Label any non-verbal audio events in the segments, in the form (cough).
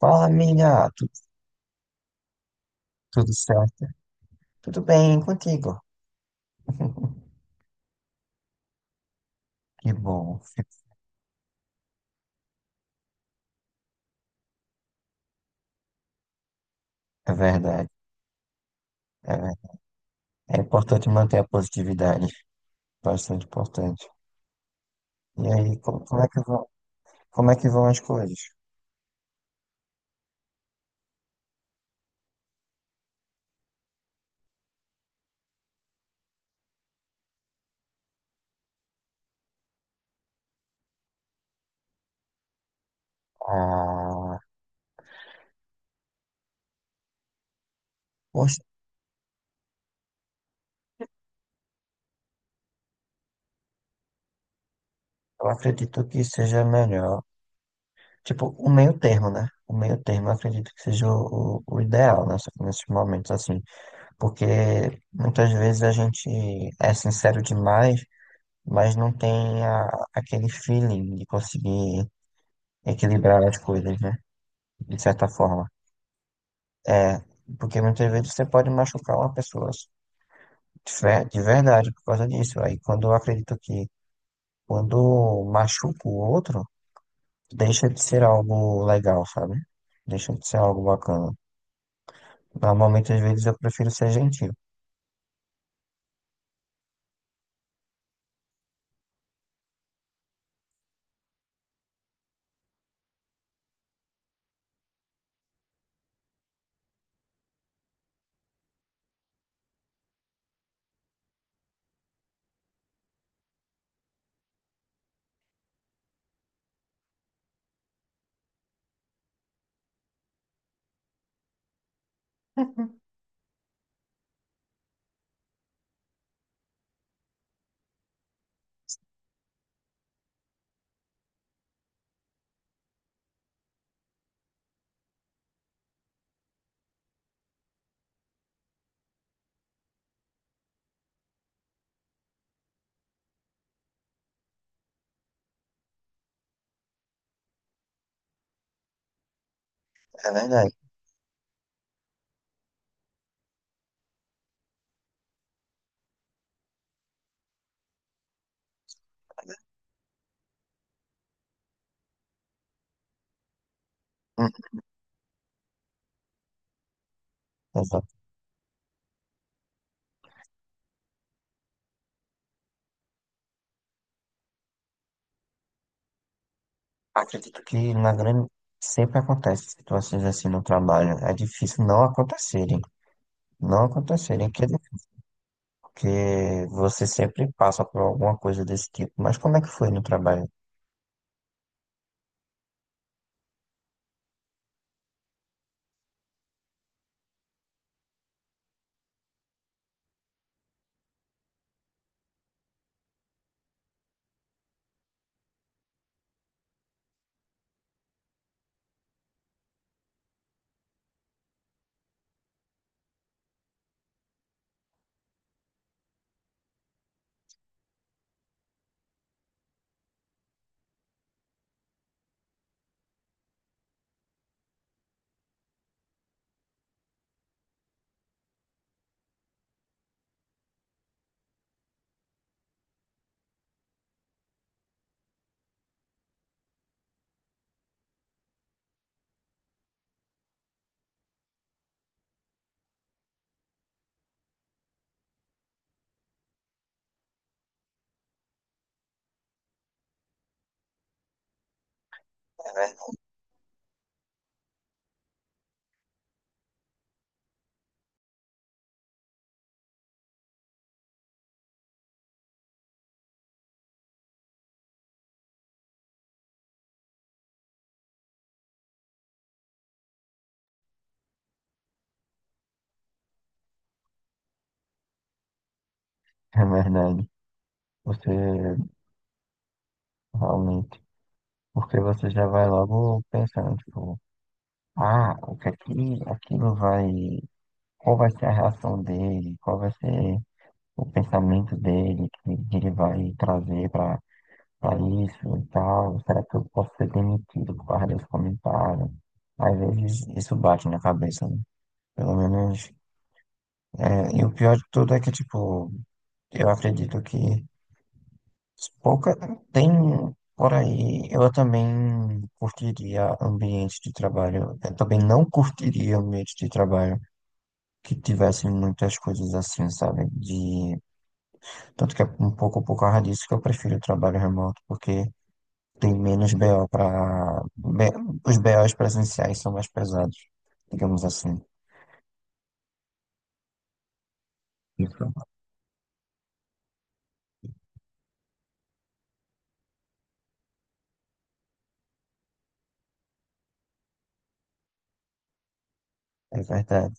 Fala, amiga. Tudo Tudo certo? Tudo bem contigo? (laughs) Que bom. É verdade. É, ver- É importante manter a positividade. Bastante importante. E aí, como é que vão, como é que vão as coisas? Ah, poxa, eu acredito que seja melhor. Tipo, o meio termo, né? O meio termo eu acredito que seja o ideal nesses momentos, assim. Porque muitas vezes a gente é sincero demais, mas não tem aquele feeling de conseguir equilibrar as coisas, né? De certa forma. É, porque muitas vezes você pode machucar uma pessoa de verdade por causa disso. Aí quando eu acredito que quando machuca o outro, deixa de ser algo legal, sabe? Deixa de ser algo bacana. Normalmente, às vezes, eu prefiro ser gentil. É verdade. Hum. Exato. Acredito que na grande sempre acontece situações assim no trabalho. É difícil não acontecerem. Não acontecerem, que é difícil, porque você sempre passa por alguma coisa desse tipo. Mas como é que foi no trabalho? É verdade. Você realmente. Porque você já vai logo pensando, tipo, ah, o que é que aquilo vai. Qual vai ser a reação dele? Qual vai ser o pensamento dele que ele vai trazer para isso e tal? Será que eu posso ser demitido por causa desse comentário? Às vezes isso bate na cabeça, né? Pelo menos. É, e o pior de tudo é que, tipo, eu acredito que pouca tem por aí. Eu também curtiria ambiente de trabalho. Eu também não curtiria ambiente de trabalho que tivessem muitas coisas assim, sabe? De... Tanto que é um pouco por causa disso que eu prefiro o trabalho remoto, porque tem menos BO para... Os BOs presenciais são mais pesados, digamos assim. Isso. É verdade.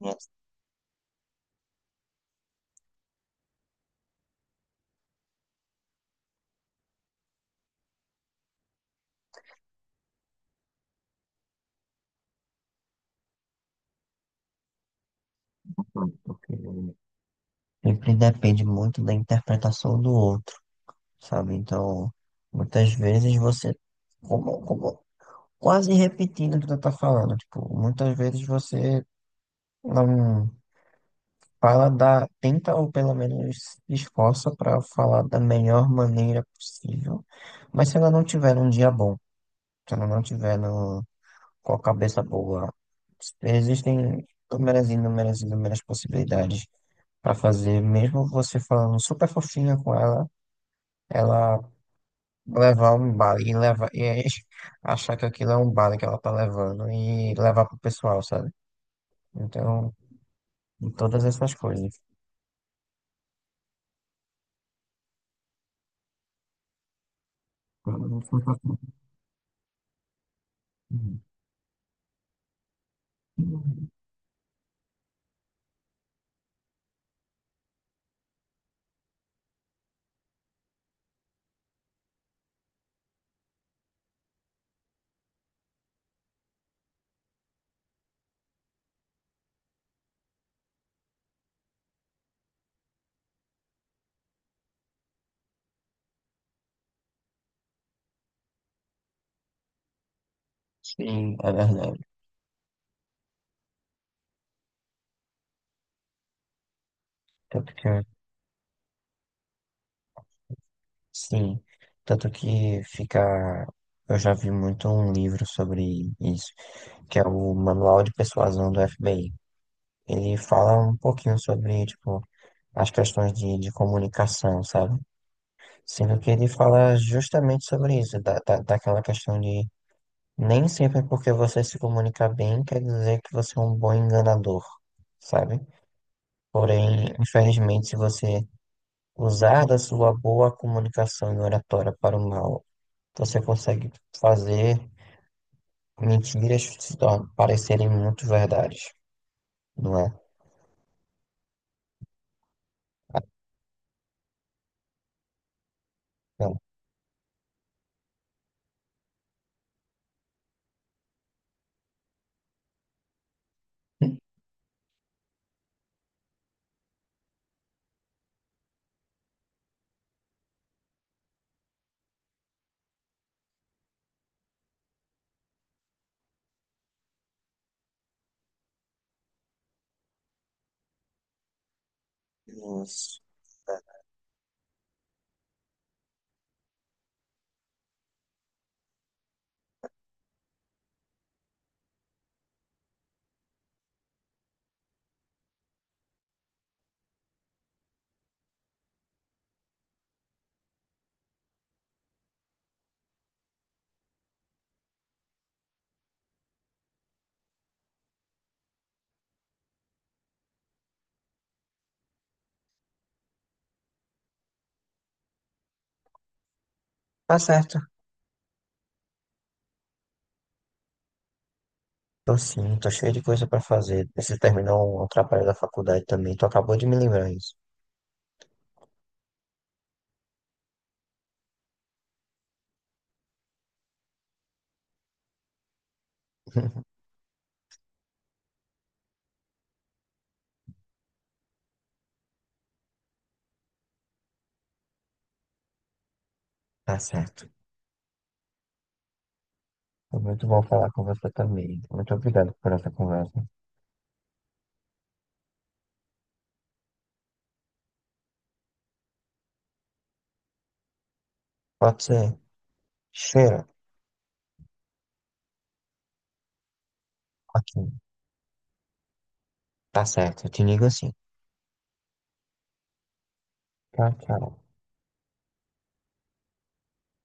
Yes. Ok. Sempre depende muito da interpretação do outro, sabe? Então, muitas vezes como, como- quase repetindo o que tu tá falando, tipo, muitas vezes você não fala da, tenta ou pelo menos se esforça para falar da melhor maneira possível, mas se ela não tiver um dia bom, se ela não tiver no, com a cabeça boa, existem inúmeras e inúmeras e inúmeras possibilidades para fazer. Mesmo você falando super fofinha com ela, ela levar um baile e levar e (laughs) achar que aquilo é um baile que ela tá levando e levar pro pessoal, sabe? Então, em todas essas coisas. Sim, é verdade. Tanto que, sim, tanto que fica. Eu já vi muito um livro sobre isso, que é o Manual de Persuasão do FBI. Ele fala um pouquinho sobre, tipo, as questões de comunicação, sabe? Sendo que ele fala justamente sobre isso, daquela questão de nem sempre é porque você se comunica bem quer dizer que você é um bom enganador, sabe? Porém, infelizmente, se você usar da sua boa comunicação e oratória para o mal, você consegue fazer mentiras se tor- parecerem muito verdades, não é? Então, isso. Tá certo. Tô sim, tô cheio de coisa para fazer. Você terminou o trabalho da faculdade também, tu acabou de me lembrar isso. (laughs) Tá certo. Foi muito bom falar com você também. Muito obrigado por essa conversa. Pode ser. Cheiro. Ok. Tá certo. Eu te ligo assim. Tchau, tchau.